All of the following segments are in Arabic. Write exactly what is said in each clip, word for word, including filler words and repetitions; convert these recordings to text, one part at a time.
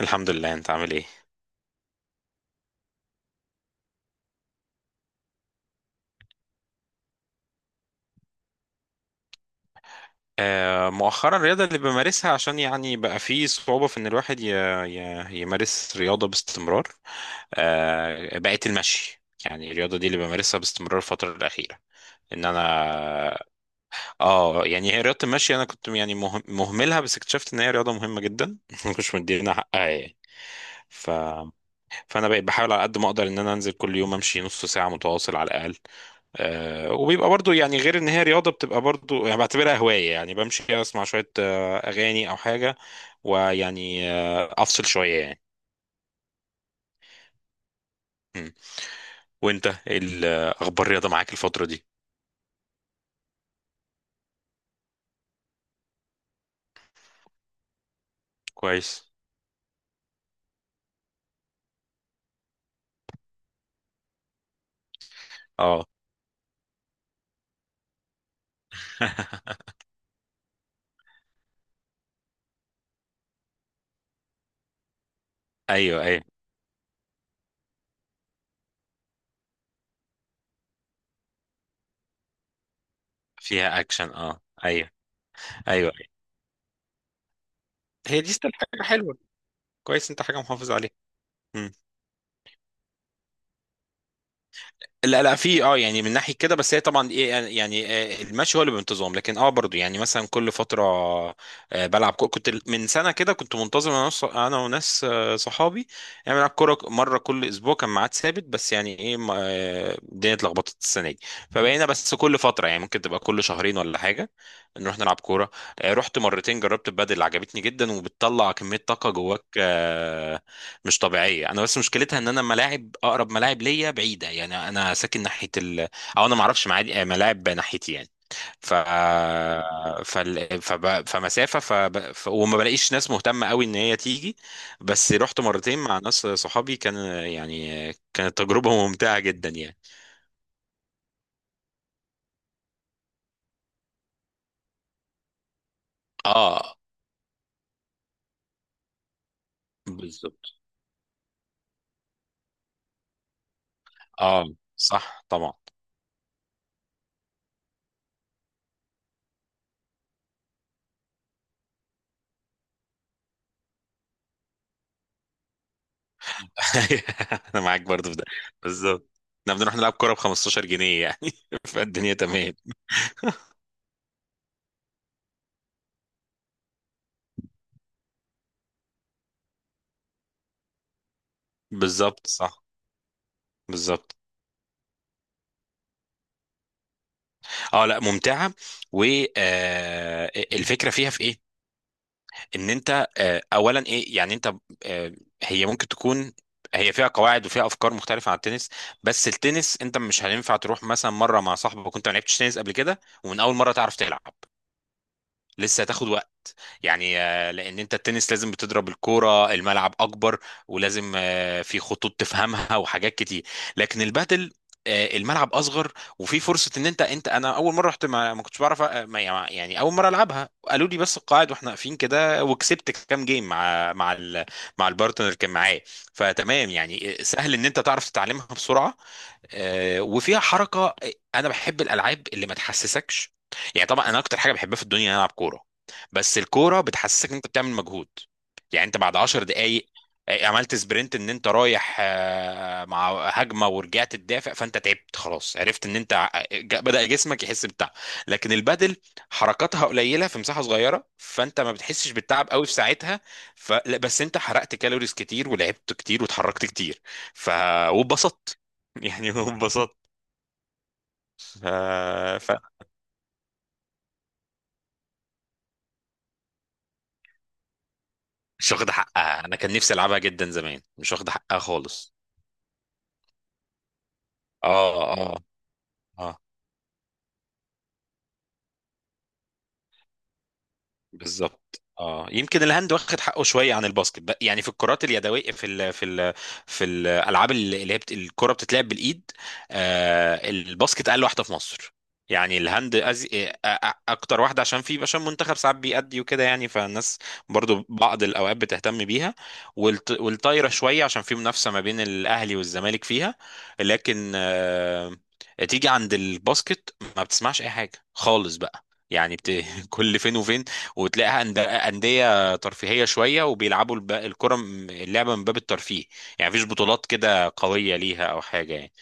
الحمد لله. انت عامل ايه؟ آه، مؤخرا الرياضة اللي بمارسها عشان يعني بقى فيه صعوبة في ان الواحد ي... ي... يمارس رياضة باستمرار. آه، بقت المشي، يعني الرياضة دي اللي بمارسها باستمرار الفترة الأخيرة. ان انا اه يعني هي رياضة المشي انا كنت يعني مه... مهملها، بس اكتشفت ان هي رياضة مهمة جدا. ما كنتش مدينا حقها يعني. ف... فانا بقيت بحاول على قد ما اقدر ان انا انزل كل يوم امشي نص ساعة متواصل على الأقل. آه، وبيبقى برضو يعني، غير ان هي رياضة، بتبقى برضو يعني بعتبرها هواية، يعني بمشي اسمع شوية آه، اغاني او حاجة. ويعني آه، افصل شوية يعني. مم. وانت إيه ال- اخبار الرياضة معاك الفترة دي؟ كويس. اه. ايوه ايوه. فيها اكشن، اه ايوه ايوه أيوه. هي دي ستيل حاجة حلوة، كويس انت حاجة محافظ عليها. لا لا، في اه يعني من ناحيه كده، بس هي طبعا ايه يعني يعني، آه، المشي هو اللي بانتظام. لكن اه برضو يعني مثلا كل فتره آه، بلعب كو- كنت من سنه كده كنت منتظم انا وص- انا وناس آه، صحابي، يعني بنلعب كوره مره كل اسبوع، كان ميعاد ثابت. بس يعني ايه ما- آه، الدنيا اتلخبطت السنه دي، فبقينا بس كل فتره، يعني ممكن تبقى كل شهرين ولا حاجه نروح نلعب كوره. آه، رحت مرتين جربت البادل، عجبتني جدا وبتطلع كميه طاقه جواك آه، مش طبيعيه. انا بس مشكلتها ان انا ملاعب اقرب ملاعب ليا بعيده، يعني انا ساكن ناحيه ال... او انا ما اعرفش معادي- ملاعب ناحيتي يعني. ف فال... فب... فمسافه فب... ف... وما بلاقيش ناس مهتمه قوي ان هي تيجي. بس رحت مرتين مع ناس صحابي، كان يعني كانت تجربه ممتعه جدا يعني. اه، بالظبط اه. صح طبعا. انا معاك برضو في ده، بالظبط. احنا بنروح نلعب كوره ب خمسة عشر جنيه يعني. فالدنيا تمام. بالظبط صح، بالظبط اه. لا ممتعه. والفكره فيها في ايه؟ ان انت آه، اولا ايه يعني انت آه، هي ممكن تكون، هي فيها قواعد وفيها افكار مختلفه عن التنس. بس التنس انت مش هينفع تروح مثلا مره مع صاحبك وانت ما لعبتش تنس قبل كده ومن اول مره تعرف تلعب، لسه هتاخد يعني. آه، لان انت التنس لازم بتضرب الكوره، الملعب اكبر، ولازم آه، في خطوط تفهمها وحاجات كتير. لكن البادل آه، الملعب اصغر، وفي فرصه ان انت انت انا اول مره رحت ما, ما كنتش بعرف أ- ما يعني اول مره العبها قالوا لي بس القواعد واحنا واقفين كده، وكسبت كام جيم مع مع ال... مع البارتنر اللي كان معايا. فتمام يعني، آه، سهل ان انت تعرف تتعلمها بسرعه. آه، وفيها حركه. آه، انا بحب الالعاب اللي ما تحسسكش، يعني طبعا انا اكتر حاجه بحبها في الدنيا ان أنا العب كوره، بس الكوره بتحسسك ان انت بتعمل مجهود. يعني انت بعد عشر دقائق عملت سبرنت، ان انت رايح آه، مع هجمه ورجعت تدافع، فانت تعبت خلاص، عرفت ان انت ع- ج- بدأ جسمك يحس بتعب. لكن البدل حركاتها قليله في مساحه صغيره، فانت ما بتحسش بالتعب قوي في ساعتها. ف... لا، بس انت حرقت كالوريز كتير ولعبت كتير واتحركت كتير. ف واتبسطت، يعني وانبسطت. ف... ف... مش واخدة حقها. انا كان نفسي العبها جدا زمان، مش واخدة حقها خالص. اه اه. اه بالظبط. اه، يمكن الهاند واخد حقه شويه عن الباسكت بقى. يعني في الكرات اليدويه، في ال في ال في الالعاب اللي هي بت- الكره بتتلعب بالايد. آه الباسكت اقل واحده في مصر. يعني الهاند أز... آه، آه، اكتر واحده، عشان في، عشان منتخب ساعات بيأدي وكده، يعني فالناس برضو بعض الاوقات بتهتم بيها. والت... والطايره شويه، عشان في منافسه ما بين الاهلي والزمالك فيها. لكن آه، تيجي عند الباسكت ما بتسمعش اي حاجه خالص بقى. يعني بت... كل فين وفين وتلاقيها أند- أندية ترفيهية شوية، وبيلعبوا الب- الكرة، م- اللعبة من باب الترفيه، يعني مفيش بطولات كده قوية ليها أو حاجة يعني.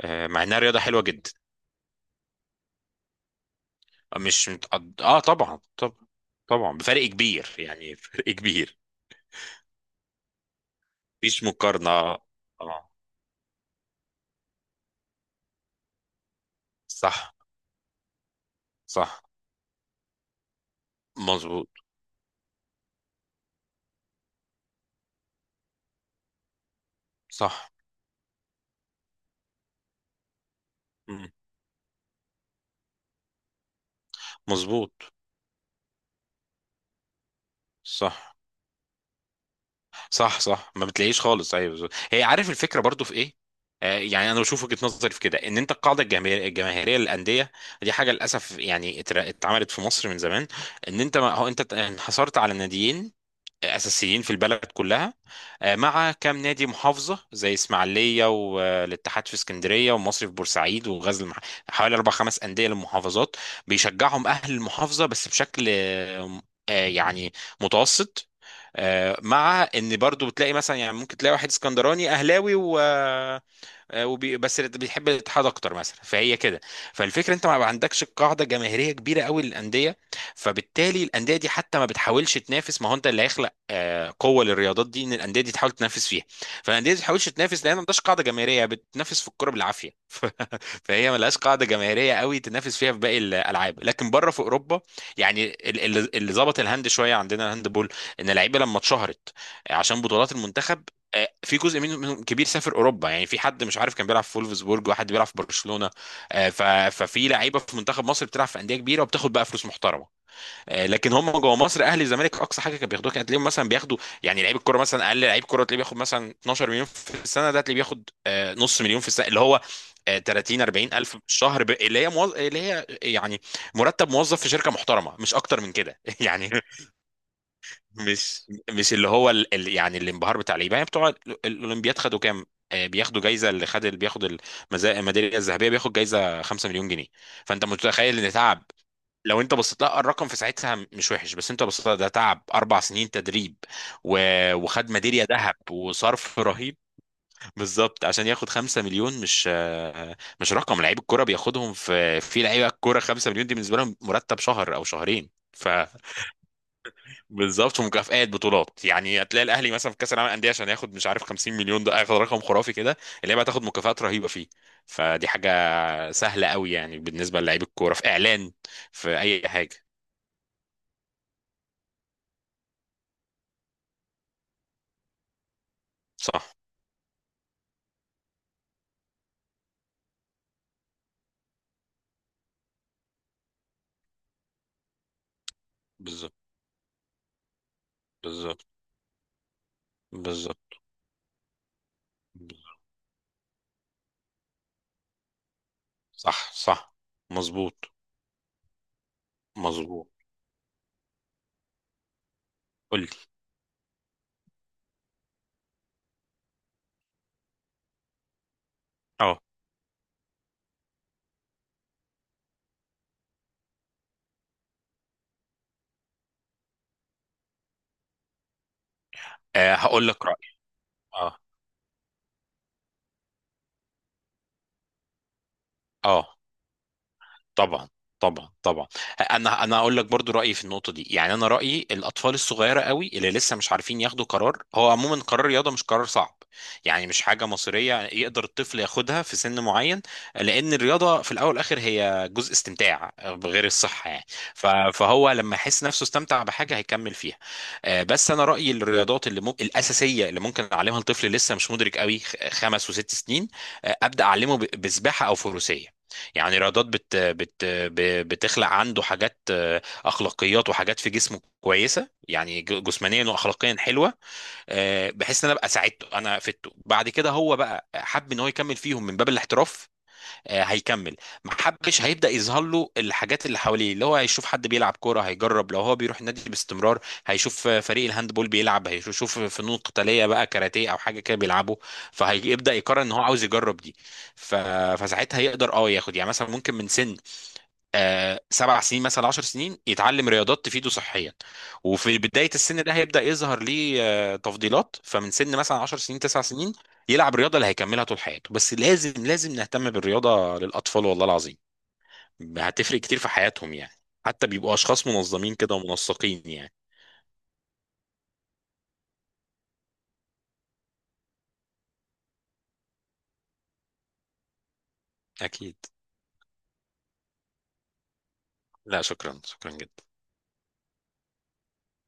آه، مع إنها رياضة حلوة جدا. مش متقد... آه طبعا طبعا، طبعا بفرق كبير يعني. فرق كبير، مفيش مقارنة. آه صح صح، مظبوط. صح. مم. مظبوط. صح صح صح، ما بتلاقيش خالص، ايوه بالظبط. هي عارف الفكره برضو في ايه؟ آه يعني انا بشوف وجهه نظري في كده ان انت القاعده الجماهير- الجماهيريه للانديه دي، حاجه للاسف يعني اتر- اتعملت في مصر من زمان، ان انت ما هو انت ت- انحصرت على ناديين اساسيين في البلد كلها. آه، مع كام نادي محافظه زي اسماعيليه، والاتحاد في اسكندريه، والمصري في بورسعيد، وغزل المح... حوالي اربع خمس انديه للمحافظات، بيشجعهم اهل المحافظه بس بشكل آه، آه، يعني متوسط. آه، مع ان برضو بتلاقي مثلا، يعني ممكن تلاقي واحد اسكندراني اهلاوي و... آه، وبي... بس اللي بيحب الاتحاد اكتر مثلا، فهي كده. فالفكره انت ما عندكش قاعده جماهيريه كبيره قوي للانديه، فبالتالي الانديه دي حتى ما بتحاولش تنافس، ما هو انت اللي هيخلق آه، قوه للرياضات دي ان الانديه دي تحاول تنافس فيها. فالانديه دي ما بتحاولش تنافس لان ما عندهاش قاعده جماهيريه، بتنافس في الكوره بالعافيه. ف... فهي ما لهاش قاعده جماهيريه قوي تنافس فيها في باقي الالعاب. لكن بره في اوروبا، يعني ال- ال- اللي ظبط الهاند شويه عندنا، الهاند بول، ان اللعيبه لما اتشهرت عشان بطولات المنتخب، آه، في جزء منهم منهم كبير سافر اوروبا، يعني في حد مش عارف كان بيلعب في فولفسبورج، وحد بيلعب في برشلونه. آه، ف- ففي لعيبه في منتخب مصر بتلعب في انديه كبيره وبتاخد بقى فلوس محترمه. آه، لكن هم جوه مصر، اهلي الزمالك، اقصى حاجه كانوا بياخدوها، كانت تلاقيهم مثلا بياخدوا يعني، لعيب الكوره مثلا، اقل لعيب كوره تلاقيه بياخد مثلا اثنا عشر مليون في السنه. ده تلاقيه بياخد آه، نص مليون في السنه، اللي هو آه، تلاتين اربعين الف في الشهر، ب... اللي هي موظ... اللي هي يعني مرتب موظف في شركه محترمه، مش اكتر من كده. يعني مش مش اللي هو ال... ال- يعني الانبهار بتاع اللعيبه، يعني بتوع ال- الاولمبياد خدوا كام؟ آه، بياخدوا جايزه، اللي خد، اللي بياخد المزا- الميداليه الذهبيه بياخد جايزه خمسة مليون جنيه. فانت متخيل ان تعب، لو انت بصيت لها الرقم في ساعتها مش وحش، بس انت بصيت لها ده تعب اربع سنين تدريب و... وخد ميداليه ذهب وصرف. رهيب. بالظبط، عشان ياخد خمسة مليون، مش آه، مش رقم، لعيب الكوره بياخدهم، في في لعيبه الكوره خمسة مليون دي بالنسبه لهم مرتب شهر او شهرين. ف بالظبط، ومكافآت بطولات، يعني هتلاقي الاهلي مثلا في كاس العالم للانديه عشان ياخد مش عارف خمسين مليون، ده هياخد رقم خرافي كده. اللعيبه هتاخد مكافآت رهيبه فيه. فدي حاجه سهله قوي يعني بالنسبه للعيب الكوره، في اعلان، في اي حاجه. صح بالظبط، بالظبط، بالظبط، بالظبط. صح صح، مظبوط مظبوط. قول لي. اه. آه، هقول لك رايي. اه اه. طبعا، طبعا طبعا. انا انا هقول لك برضو رايي في النقطه دي. يعني انا رايي الاطفال الصغيره قوي اللي لسه مش عارفين ياخدوا قرار، هو عموما قرار الرياضه مش قرار صعب، يعني مش حاجه مصيريه يقدر الطفل ياخدها في سن معين، لان الرياضه في الاول والاخر هي جزء استمتاع، غير الصحه يعني. ف- فهو لما يحس نفسه استمتع بحاجه هيكمل فيها. آه، بس انا رايي الرياضات اللي ممكن الاساسيه اللي ممكن اعلمها لطفل لسه مش مدرك قوي، خ- خمس وست سنين، آه، ابدا اعلمه ب- بسباحه او فروسيه، يعني رياضات بت بت ب- بتخلق عنده حاجات آه، اخلاقيات وحاجات في جسمه كويسه، يعني ج- جسمانيا واخلاقيا حلوه. آه، بحيث ان انا ابقى ساعدته، انا فدته، بعد كده هو بقى حب ان هو يكمل فيهم من باب الاحتراف آه، هيكمل، ما حبش هيبدا يظهر له الحاجات اللي حواليه، اللي هو هيشوف حد بيلعب كوره هيجرب، لو هو بيروح النادي باستمرار هيشوف آه، فريق الهاندبول بيلعب، هيشوف فنون قتاليه بقى كاراتيه او حاجه كده بيلعبه، فهيبدا يقرر ان هو عاوز يجرب دي. ف... فساعتها يقدر اه ياخد، يعني مثلا ممكن من سن آه، سبع سنين مثلا، عشر سنين، يتعلم رياضات تفيده صحيا. وفي بداية السن ده هيبدأ يظهر ليه آه، تفضيلات، فمن سن مثلا عشر سنين، تسع سنين، يلعب رياضة اللي هيكملها طول حياته. بس لازم لازم نهتم بالرياضة للأطفال، والله العظيم هتفرق كتير في حياتهم، يعني حتى بيبقوا أشخاص منظمين كده ومنسقين يعني. أكيد. لا شكرا، شكرا جدا.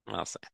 مع السلامة.